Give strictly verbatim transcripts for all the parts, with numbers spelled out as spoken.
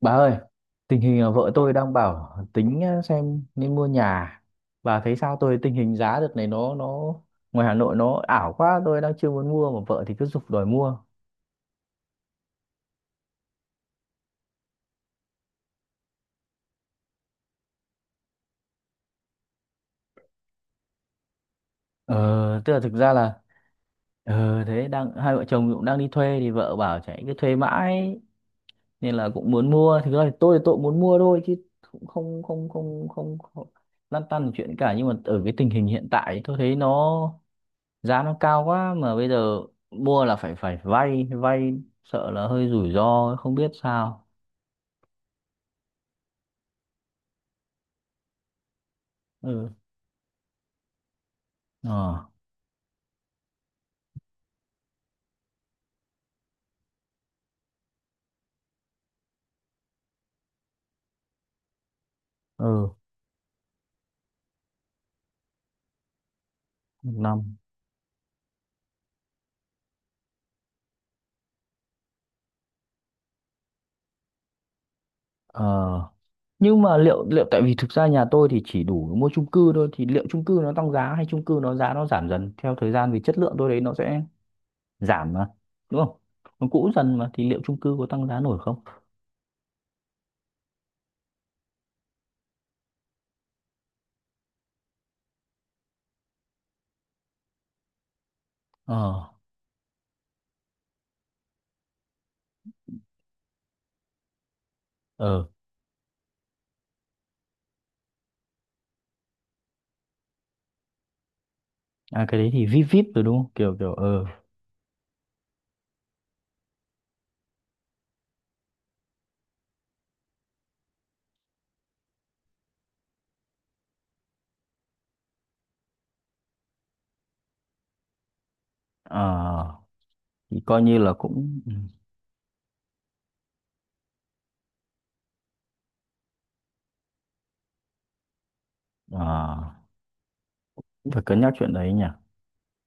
Bà ơi, tình hình là vợ tôi đang bảo tính ờ, xem nên mua nhà. Bà thấy sao, tôi tình hình giá đợt này nó nó ngoài Hà Nội nó ảo quá, tôi đang chưa muốn mua mà vợ thì cứ giục đòi mua. Ờ, tức là thực ra là ờ thế đang hai vợ chồng cũng đang đi thuê thì vợ bảo chạy cứ thuê mãi nên là cũng muốn mua. Thực ra thì tôi thì tôi cũng muốn mua thôi chứ cũng không không không không, không lăn tăn chuyện cả, nhưng mà ở cái tình hình hiện tại tôi thấy nó giá nó cao quá mà bây giờ mua là phải phải vay vay sợ là hơi rủi ro không biết sao. Ừ. Ờ. Ừ. Một năm. Ờ. Nhưng mà liệu liệu tại vì thực ra nhà tôi thì chỉ đủ mua chung cư thôi, thì liệu chung cư nó tăng giá hay chung cư nó giá nó giảm dần theo thời gian vì chất lượng tôi đấy nó sẽ giảm mà, đúng không, nó cũ dần mà thì liệu chung cư có tăng giá nổi không? Ờ. Ờ. À, cái đấy thì vip vip rồi đúng không, kiểu kiểu ờ. Ờ, thì coi như là cũng ừ. Ờ, cũng phải cân nhắc chuyện đấy nhỉ,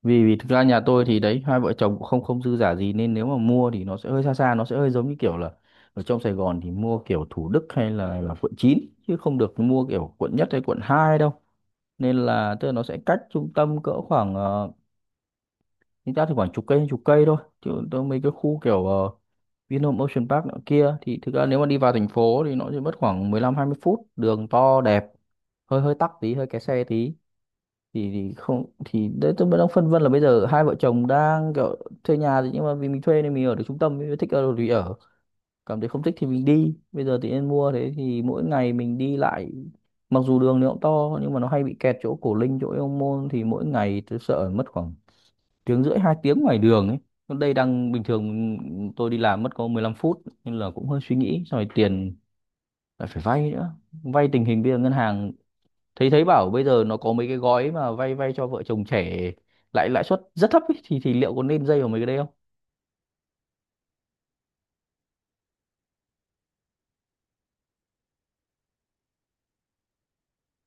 vì vì thực ra nhà tôi thì đấy, hai vợ chồng cũng không không dư giả gì nên nếu mà mua thì nó sẽ hơi xa xa nó sẽ hơi giống như kiểu là ở trong Sài Gòn thì mua kiểu Thủ Đức hay là, là quận chín chứ không được mua kiểu quận nhất hay quận hai đâu. Nên là tức là nó sẽ cách trung tâm cỡ khoảng ờ, chúng ta thì khoảng chục cây chục cây thôi, chứ tôi mấy cái khu kiểu ờ, Vinhome Ocean Park nữa kia thì thực ra nếu mà đi vào thành phố thì nó chỉ mất khoảng mười lăm hai mươi phút, đường to đẹp, hơi hơi tắc tí hơi kẹt xe tí, thì, thì không thì đấy tôi vẫn đang phân vân là bây giờ hai vợ chồng đang kiểu thuê nhà thì, nhưng mà vì mình thuê nên mình ở được trung tâm, mình thích ở đâu thì ở, cảm thấy không thích thì mình đi, bây giờ thì nên mua, thế thì mỗi ngày mình đi lại mặc dù đường nó cũng to nhưng mà nó hay bị kẹt chỗ Cổ Linh chỗ Yêu Môn thì mỗi ngày tôi sợ mất khoảng tiếng rưỡi hai tiếng ngoài đường ấy. Còn đây đang bình thường tôi đi làm mất có mười lăm phút, nên là cũng hơi suy nghĩ, xong rồi tiền lại phải vay nữa. Vay tình hình bây giờ ngân hàng thấy thấy bảo bây giờ nó có mấy cái gói mà vay vay cho vợ chồng trẻ lại lãi suất rất thấp ấy, thì thì liệu có nên dây vào mấy cái đấy không?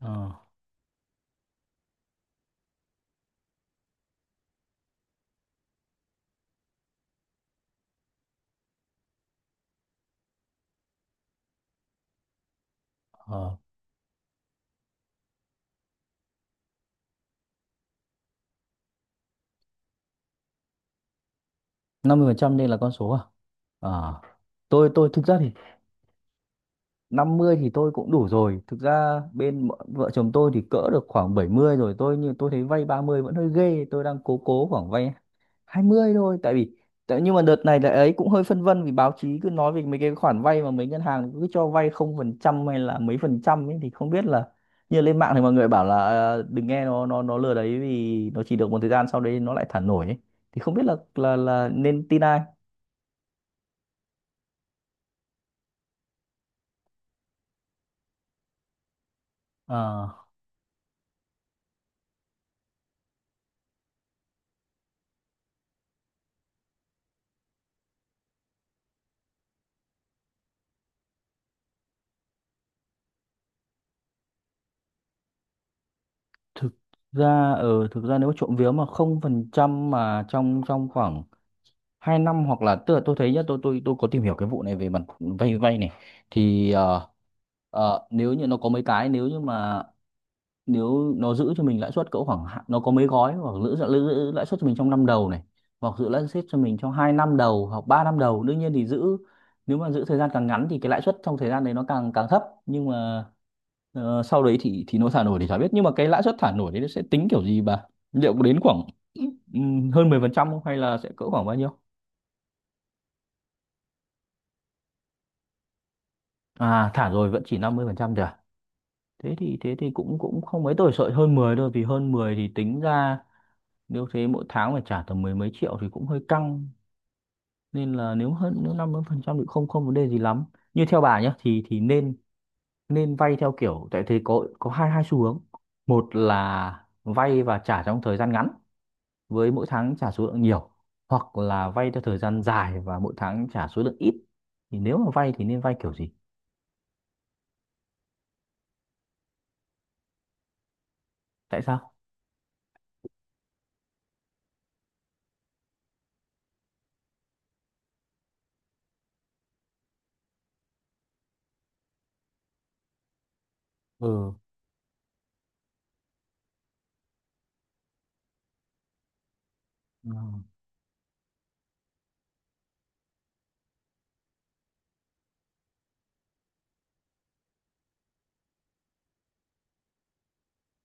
Ờ. Ờ. Năm mươi phần trăm nên là con số à? Ờ. Tôi tôi thực ra thì năm mươi thì tôi cũng đủ rồi. Thực ra bên vợ vợ chồng tôi thì cỡ được khoảng bảy mươi rồi. Tôi như tôi thấy vay ba mươi vẫn hơi ghê. Tôi đang cố cố khoảng vay hai mươi thôi, tại vì tại, nhưng mà đợt này là ấy cũng hơi phân vân vì báo chí cứ nói về mấy cái khoản vay mà mấy ngân hàng cứ cho vay không phần trăm hay là mấy phần trăm ấy thì không biết là, như lên mạng thì mọi người bảo là ờ, đừng nghe, nó nó nó lừa đấy vì nó chỉ được một thời gian sau đấy nó lại thả nổi ấy. Thì không biết là là là nên tin ai. Ờ, thực ra ờ thực ra nếu trộm vía mà không phần trăm mà trong trong khoảng hai năm hoặc là, tức là tôi thấy nhá, tôi tôi tôi có tìm hiểu cái vụ này về mặt vay vay này thì, ờ, nếu như nó có mấy cái, nếu như mà nếu nó giữ cho mình lãi suất cỡ khoảng hạ- nó có mấy gói hoặc giữ, giữ, giữ lãi suất cho mình trong năm đầu này hoặc giữ lãi suất cho mình trong hai năm đầu hoặc ba năm đầu đương nhiên thì giữ. Nếu mà giữ thời gian càng ngắn thì cái lãi suất trong thời gian đấy nó càng càng thấp, nhưng mà ờ, sau đấy thì thì nó thả nổi thì chả biết, nhưng mà cái lãi suất thả nổi đấy nó sẽ tính kiểu gì bà? Liệu có đến khoảng ừm, hơn mười phần trăm không hay là sẽ cỡ khoảng bao nhiêu? À thả rồi vẫn chỉ năm mươi phần trăm thôi à? Thế thì thế thì cũng cũng không mấy, tôi sợ hơn mười thôi vì hơn mười thì tính ra nếu thế mỗi tháng phải trả tầm mười mấy triệu thì cũng hơi căng. Nên là nếu hơn, nếu năm mươi phần trăm thì không không vấn đề gì lắm. Như theo bà nhé thì thì nên nên vay theo kiểu, tại thế có có hai hai xu hướng: một là vay và trả trong thời gian ngắn với mỗi tháng trả số lượng nhiều, hoặc là vay theo thời gian dài và mỗi tháng trả số lượng ít. Thì nếu mà vay thì nên vay kiểu gì? Tại sao? Ừ. Ờ.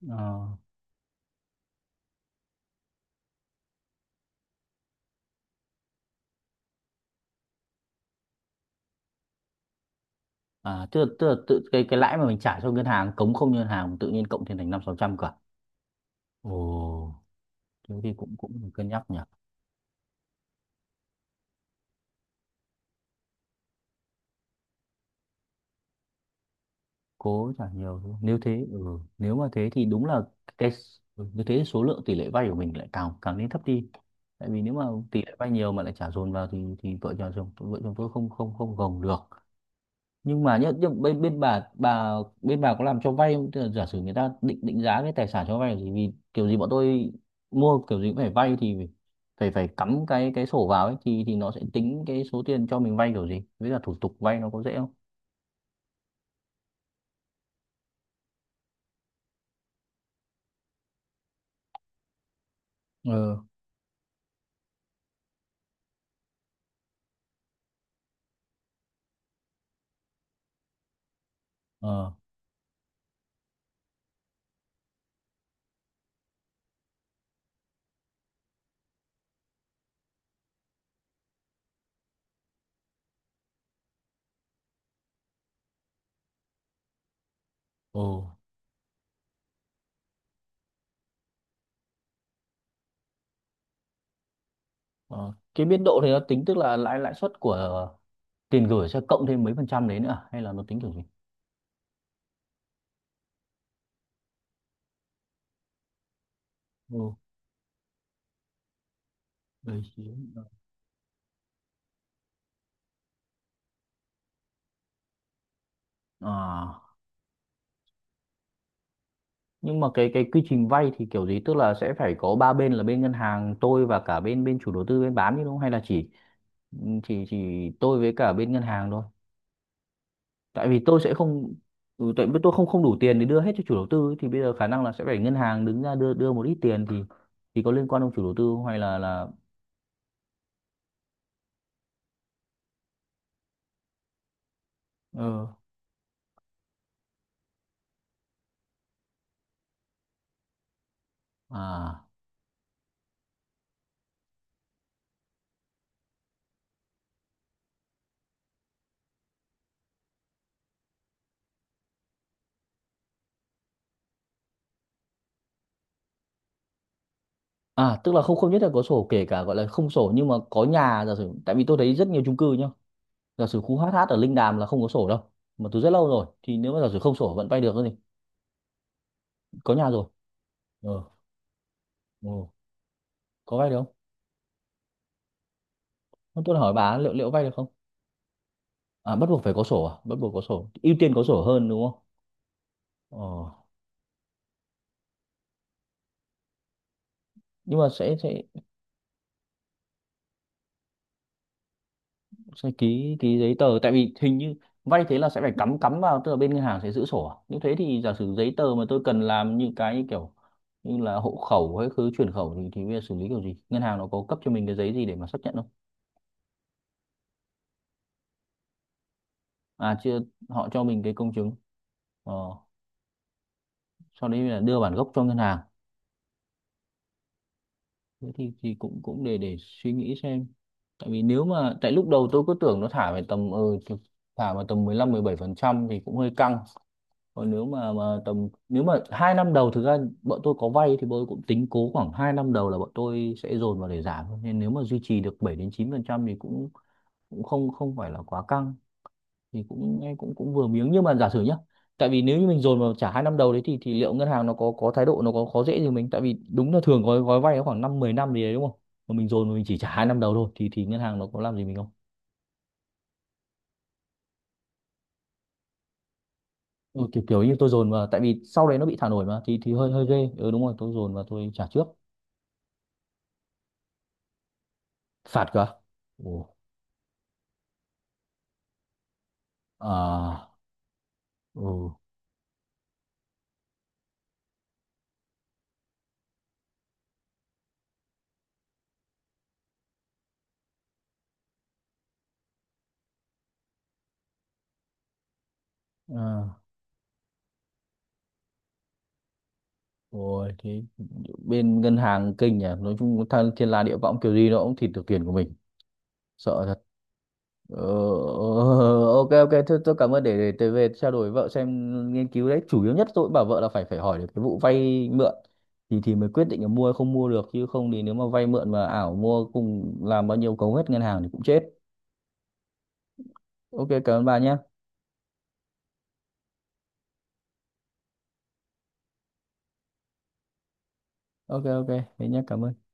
Ờ. À tức là, tức là tự cái cái lãi mà mình trả cho ngân hàng, cống không ngân hàng tự nhiên cộng thêm thành năm sáu trăm cả. Ồ, thế thì cũng cũng phải cân nhắc nhỉ. Cố trả nhiều đúng không? Nếu thế ừ. Nếu mà thế thì đúng là cái, ừ, như thế số lượng tỷ lệ vay của mình lại càng càng nên thấp đi, tại vì nếu mà tỷ lệ vay nhiều mà lại trả dồn vào thì thì vợ chồng chồng vợ chồng tôi không không không gồng được. Nhưng mà nhất nhớ bên bên bà bà bên bà có làm cho vay không? Tức là giả sử người ta định định giá cái tài sản cho vay thì vì kiểu gì bọn tôi mua kiểu gì cũng phải vay thì phải phải phải cắm cái cái sổ vào ấy, thì thì nó sẽ tính cái số tiền cho mình vay kiểu gì, với cả thủ tục vay nó có dễ không? Ừ. Ờ. Ồ, ờ. Cái biên độ thì nó tính, tức là lãi lãi suất của tiền gửi sẽ cộng thêm mấy phần trăm đấy nữa à? Hay là nó tính kiểu gì? Ồ, đây chiếm. À, nhưng mà cái cái quy trình vay thì kiểu gì, tức là sẽ phải có ba bên là bên ngân hàng, tôi và cả bên bên chủ đầu tư bên bán chứ đúng không, hay là chỉ chỉ chỉ tôi với cả bên ngân hàng thôi? Tại vì tôi sẽ không, ừ, tại vì tôi không không đủ tiền để đưa hết cho chủ đầu tư ấy, thì bây giờ khả năng là sẽ phải ngân hàng đứng ra đưa đưa một ít tiền thì thì có liên quan ông chủ đầu tư không hay là là? Ờ. À. À, tức là không không nhất là có sổ, kể cả gọi là không sổ nhưng mà có nhà, giả sử, tại vì tôi thấy rất nhiều chung cư nhá. Giả sử khu hát hát ở Linh Đàm là không có sổ đâu. Mà từ rất lâu rồi, thì nếu mà giả sử không sổ vẫn vay được thì có nhà rồi. Ờ. Ừ, có vay được không? Không, tôi hỏi bà liệu liệu vay được không? À bắt buộc phải có sổ à? Bắt buộc có sổ. Ưu tiên có sổ hơn đúng không? Ờ, nhưng mà sẽ sẽ sẽ ký ký giấy tờ tại vì hình như vay thế là sẽ phải cắm cắm vào, tức là bên ngân hàng sẽ giữ sổ à? Như thế thì giả sử giấy tờ mà tôi cần làm như cái như kiểu như là hộ khẩu hay cứ chuyển khẩu thì thì bây giờ xử lý kiểu gì, ngân hàng nó có cấp cho mình cái giấy gì để mà xác nhận không? À chưa, họ cho mình cái công chứng, ờ, sau đấy là đưa bản gốc cho ngân hàng? Thế thì thì cũng cũng để để suy nghĩ xem, tại vì nếu mà tại lúc đầu tôi cứ tưởng nó thả về tầm ờ, chục- thả vào tầm mười lăm mười bảy phần trăm thì cũng hơi căng. Còn nếu mà mà tầm, nếu mà hai năm đầu thực ra bọn tôi có vay thì bọn tôi cũng tính cố khoảng hai năm đầu là bọn tôi sẽ dồn vào để giảm thôi. Nên nếu mà duy trì được bảy đến chín phần trăm thì cũng cũng không không phải là quá căng thì cũng cũng cũng vừa miếng, nhưng mà giả sử nhá, tại vì nếu như mình dồn vào trả hai năm đầu đấy thì thì liệu ngân hàng nó có có thái độ, nó có khó dễ gì mình, tại vì đúng là thường gói gói vay nó khoảng năm mười năm gì đấy đúng không, mà mình dồn mà mình chỉ trả hai năm đầu thôi thì thì ngân hàng nó có làm gì mình không? Ừ, kiểu kiểu như tôi dồn vào tại vì sau đấy nó bị thả nổi mà thì thì hơi hơi ghê. Ừ đúng rồi, tôi dồn vào tôi trả trước. Phạt cơ? Ồ. À. Ừ. À, ôi thế bên ngân hàng kinh nhỉ, nói chung thằng thiên la địa võng kiểu gì nó cũng thịt được tiền của mình. Sợ thật. Ờ, ờ, ok ok thôi tôi cảm ơn, để để tôi về trao đổi với vợ xem nghiên cứu đấy, chủ yếu nhất tôi cũng bảo vợ là phải phải hỏi được cái vụ vay mượn thì thì mới quyết định là mua hay không mua được, chứ không thì nếu mà vay mượn mà ảo mua cùng làm bao nhiêu cấu hết ngân hàng thì cũng chết. Ok cảm ơn bà nhé. Ok ok. Thế nhé, cảm ơn.